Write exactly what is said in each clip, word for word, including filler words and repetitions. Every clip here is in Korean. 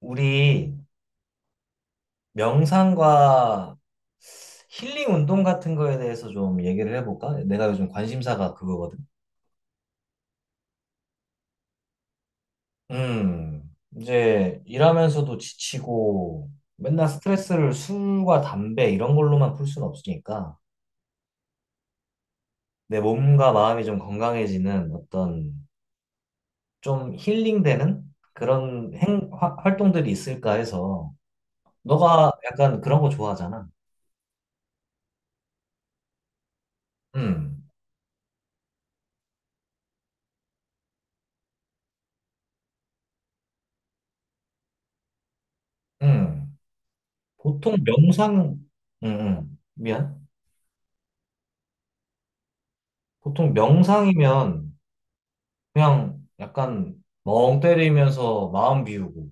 우리 명상과 힐링 운동 같은 거에 대해서 좀 얘기를 해볼까? 내가 요즘 관심사가 그거거든. 음, 이제 일하면서도 지치고 맨날 스트레스를 술과 담배 이런 걸로만 풀 수는 없으니까 내 몸과 마음이 좀 건강해지는 어떤 좀 힐링되는 그런 행, 화- 활동들이 있을까 해서 너가 약간 그런 거 좋아하잖아. 음, 음. 보통 명상, 음, 음. 미안. 보통 명상이면 그냥 약간 멍 때리면서 마음 비우고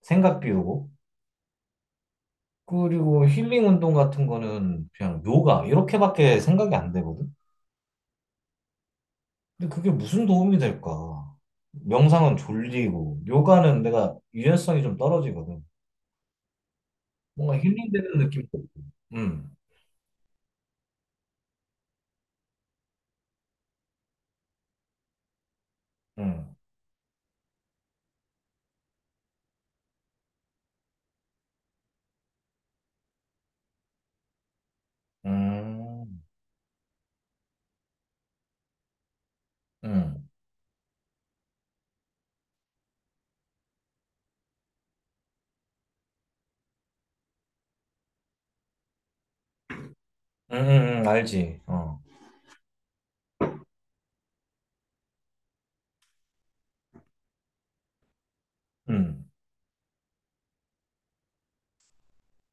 생각 비우고, 그리고 힐링 운동 같은 거는 그냥 요가 이렇게밖에 생각이 안 되거든. 근데 그게 무슨 도움이 될까? 명상은 졸리고 요가는 내가 유연성이 좀 떨어지거든. 뭔가 힐링되는 느낌이 응고응 음, 음, 음, 음, 음, 음, 음, 알지. 어, 음.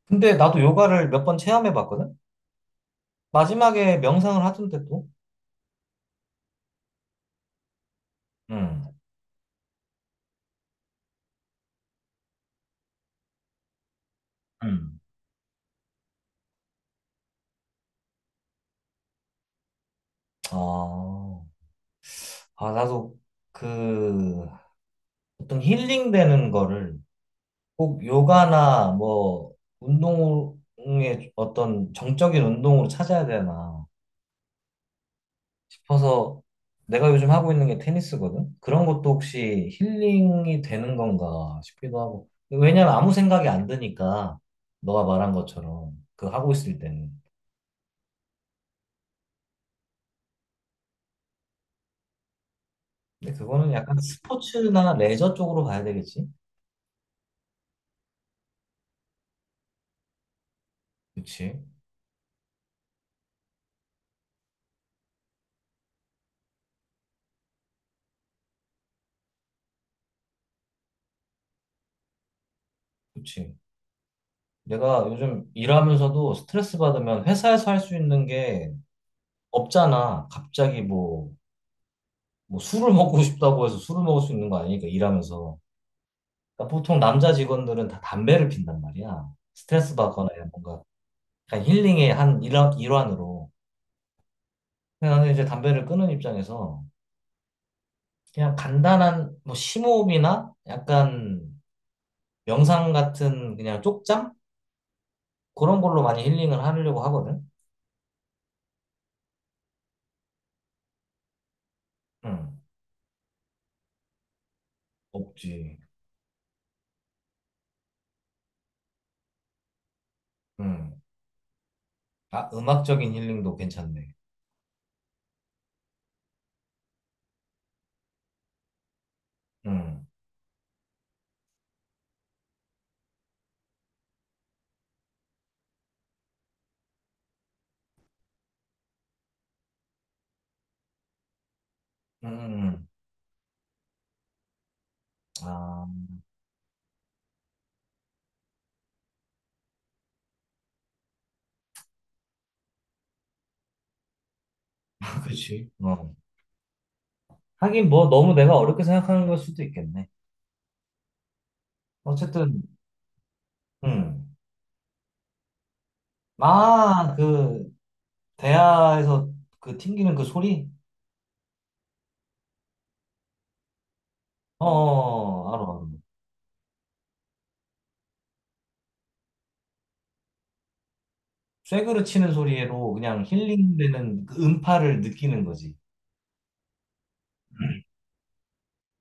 근데 나도 요가를 몇 번 체험해 봤거든. 마지막에 명상을 하던데 또. 음. 음. 아, 아, 나도 그 보통 힐링되는 거를 꼭 요가나 뭐 운동의 어떤 정적인 운동으로 찾아야 되나 싶어서 내가 요즘 하고 있는 게 테니스거든. 그런 것도 혹시 힐링이 되는 건가 싶기도 하고. 왜냐면 아무 생각이 안 드니까 너가 말한 것처럼 그 하고 있을 때는. 근데 그거는 약간 스포츠나 레저 쪽으로 가야 되겠지? 그치? 그치? 내가 요즘 일하면서도 스트레스 받으면 회사에서 할 수 있는 게 없잖아. 갑자기 뭐, 뭐 술을 먹고 싶다고 해서 술을 먹을 수 있는 거 아니니까 일하면서. 그러니까 보통 남자 직원들은 다 담배를 핀단 말이야. 스트레스 받거나 뭔가 약간 힐링의 한 일화, 일환으로. 근데 나는 이제 담배를 끊은 입장에서 그냥 간단한 뭐 심호흡이나 약간 명상 같은 그냥 쪽잠? 그런 걸로 많이 힐링을 하려고 하거든. 응, 없지. 응. 아, 음악적인 힐링도 괜찮네. 음, 음, 음. 아, 그치. 어. 하긴 뭐 너무 내가 어렵게 생각하는 걸 수도 있겠네. 어쨌든, 음. 아, 그, 대야에서 그 튕기는 그 소리? 어, 어, 어, 알아, 알아. 쇠그릇 치는 소리로 그냥 힐링되는 그 음파를 느끼는 거지.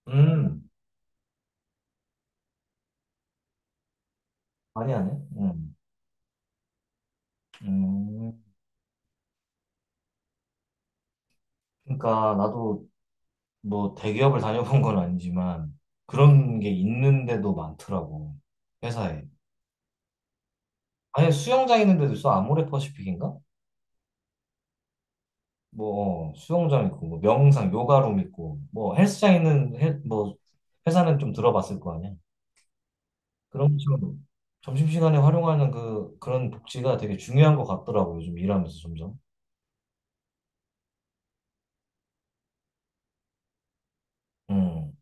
음, 많이 하네. 음. 음. 그러니까 나도 뭐 대기업을 다녀본 건 아니지만 그런 게 있는데도 많더라고, 회사에. 아니 수영장 있는데도 있어, 아모레퍼시픽인가. 뭐 어, 수영장 있고 뭐 명상 요가룸 있고 뭐 헬스장 있는 헬, 뭐 회사는 좀 들어봤을 거 아니야. 그런 것처럼 점심시간에 활용하는 그 그런 복지가 되게 중요한 것 같더라고, 요즘 일하면서 점점. 음,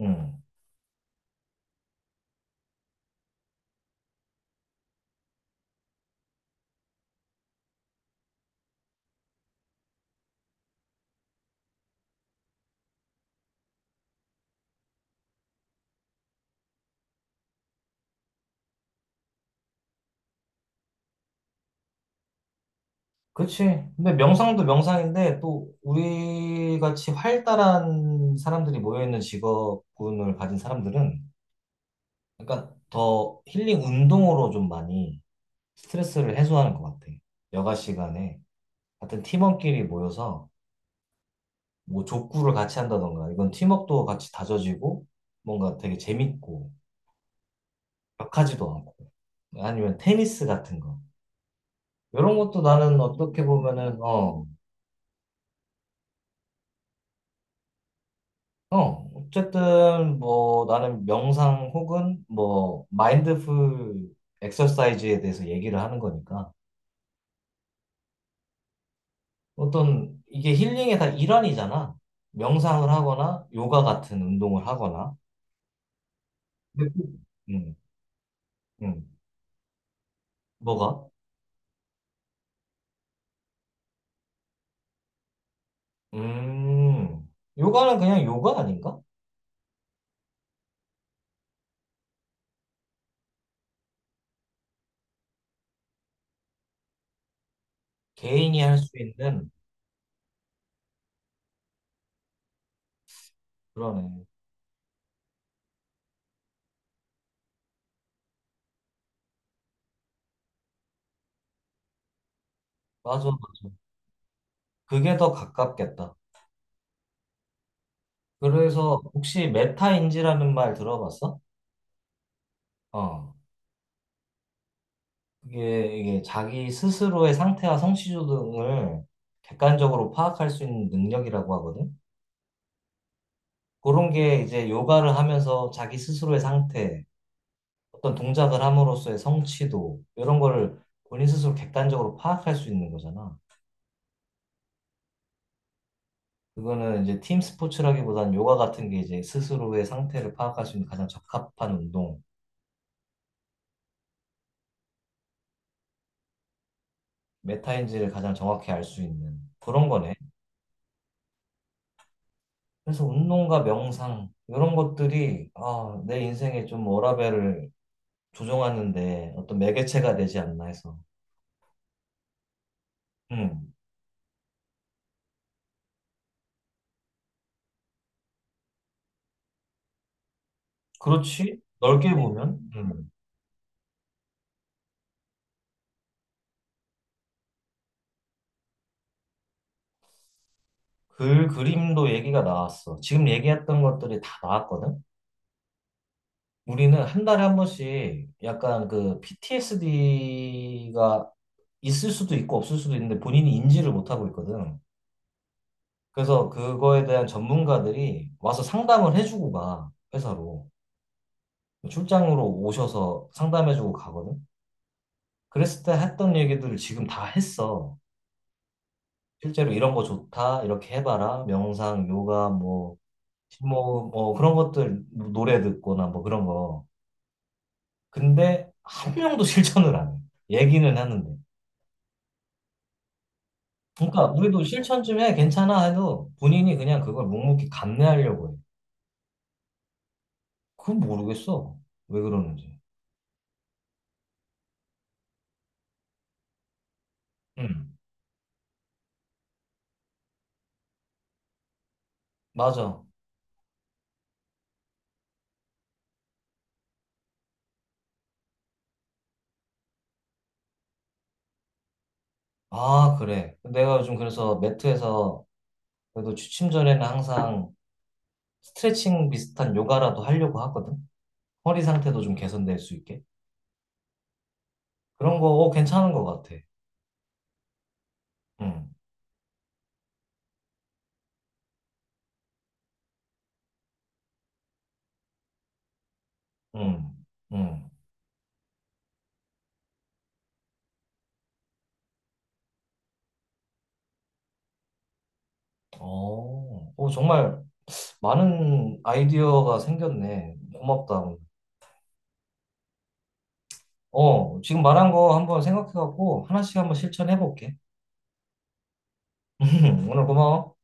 음. 그치. 근데 명상도 명상인데 또 우리 같이 활달한 사람들이 모여있는 직업군을 가진 사람들은 그러니까 더 힐링 운동으로 좀 많이 스트레스를 해소하는 것 같아. 여가 시간에 같은 팀원끼리 모여서 뭐 족구를 같이 한다던가 이건 팀워크도 같이 다져지고 뭔가 되게 재밌고 격하지도 않고 아니면 테니스 같은 거. 이런 것도 나는 어떻게 보면은 어 어, 어쨌든 뭐 나는 명상 혹은 뭐 마인드풀 엑서사이즈에 대해서 얘기를 하는 거니까 어떤 이게 힐링의 다 일환이잖아. 명상을 하거나 요가 같은 운동을 하거나. 근데 그- 음, 음. 뭐가? 음, 요가는 그냥 요가 아닌가? 개인이 할 수 있는 그러네. 맞아. 그게 더 가깝겠다. 그래서 혹시 메타인지라는 말 들어봤어? 어. 이게, 이게 자기 스스로의 상태와 성취도 등을 객관적으로 파악할 수 있는 능력이라고 하거든. 그런 게 이제 요가를 하면서 자기 스스로의 상태, 어떤 동작을 함으로써의 성취도, 이런 거를 본인 스스로 객관적으로 파악할 수 있는 거잖아. 그거는 이제 팀 스포츠라기보다는 요가 같은 게 이제 스스로의 상태를 파악할 수 있는 가장 적합한 운동, 메타인지를 가장 정확히 알 수 있는 그런 거네. 그래서 운동과 명상 이런 것들이 아, 내 인생에 좀 워라밸을 조정하는데 어떤 매개체가 되지 않나 해서. 음, 그렇지. 넓게 보면, 음, 글, 그림도 얘기가 나왔어. 지금 얘기했던 것들이 다 나왔거든. 우리는 한 달에 한 번씩 약간 그 피티에스디가 있을 수도 있고 없을 수도 있는데 본인이 인지를 못하고 있거든. 그래서 그거에 대한 전문가들이 와서 상담을 해주고 가, 회사로. 출장으로 오셔서 상담해주고 가거든. 그랬을 때 했던 얘기들을 지금 다 했어. 실제로 이런 거 좋다, 이렇게 해봐라. 명상, 요가, 뭐, 뭐, 뭐 그런 것들 뭐 노래 듣거나 뭐 그런 거. 근데 한 명도 실천을 안 해. 얘기는 하는데. 그러니까 우리도 실천 좀 해, 괜찮아 해도 본인이 그냥 그걸 묵묵히 감내하려고 해. 그건 모르겠어. 왜 그러는지. 응, 맞아. 아, 그래. 내가 요즘 그래서 매트에서 그래도 취침 전에는 항상 스트레칭 비슷한 요가라도 하려고 하거든. 허리 상태도 좀 개선될 수 있게. 그런 거 어, 괜찮은 것 같아. 응, 응, 응. 어, 어, 정말 많은 아이디어가 생겼네. 고맙다. 어, 지금 말한 거 한번 생각해갖고 하나씩 한번 실천해볼게. 오늘 고마워.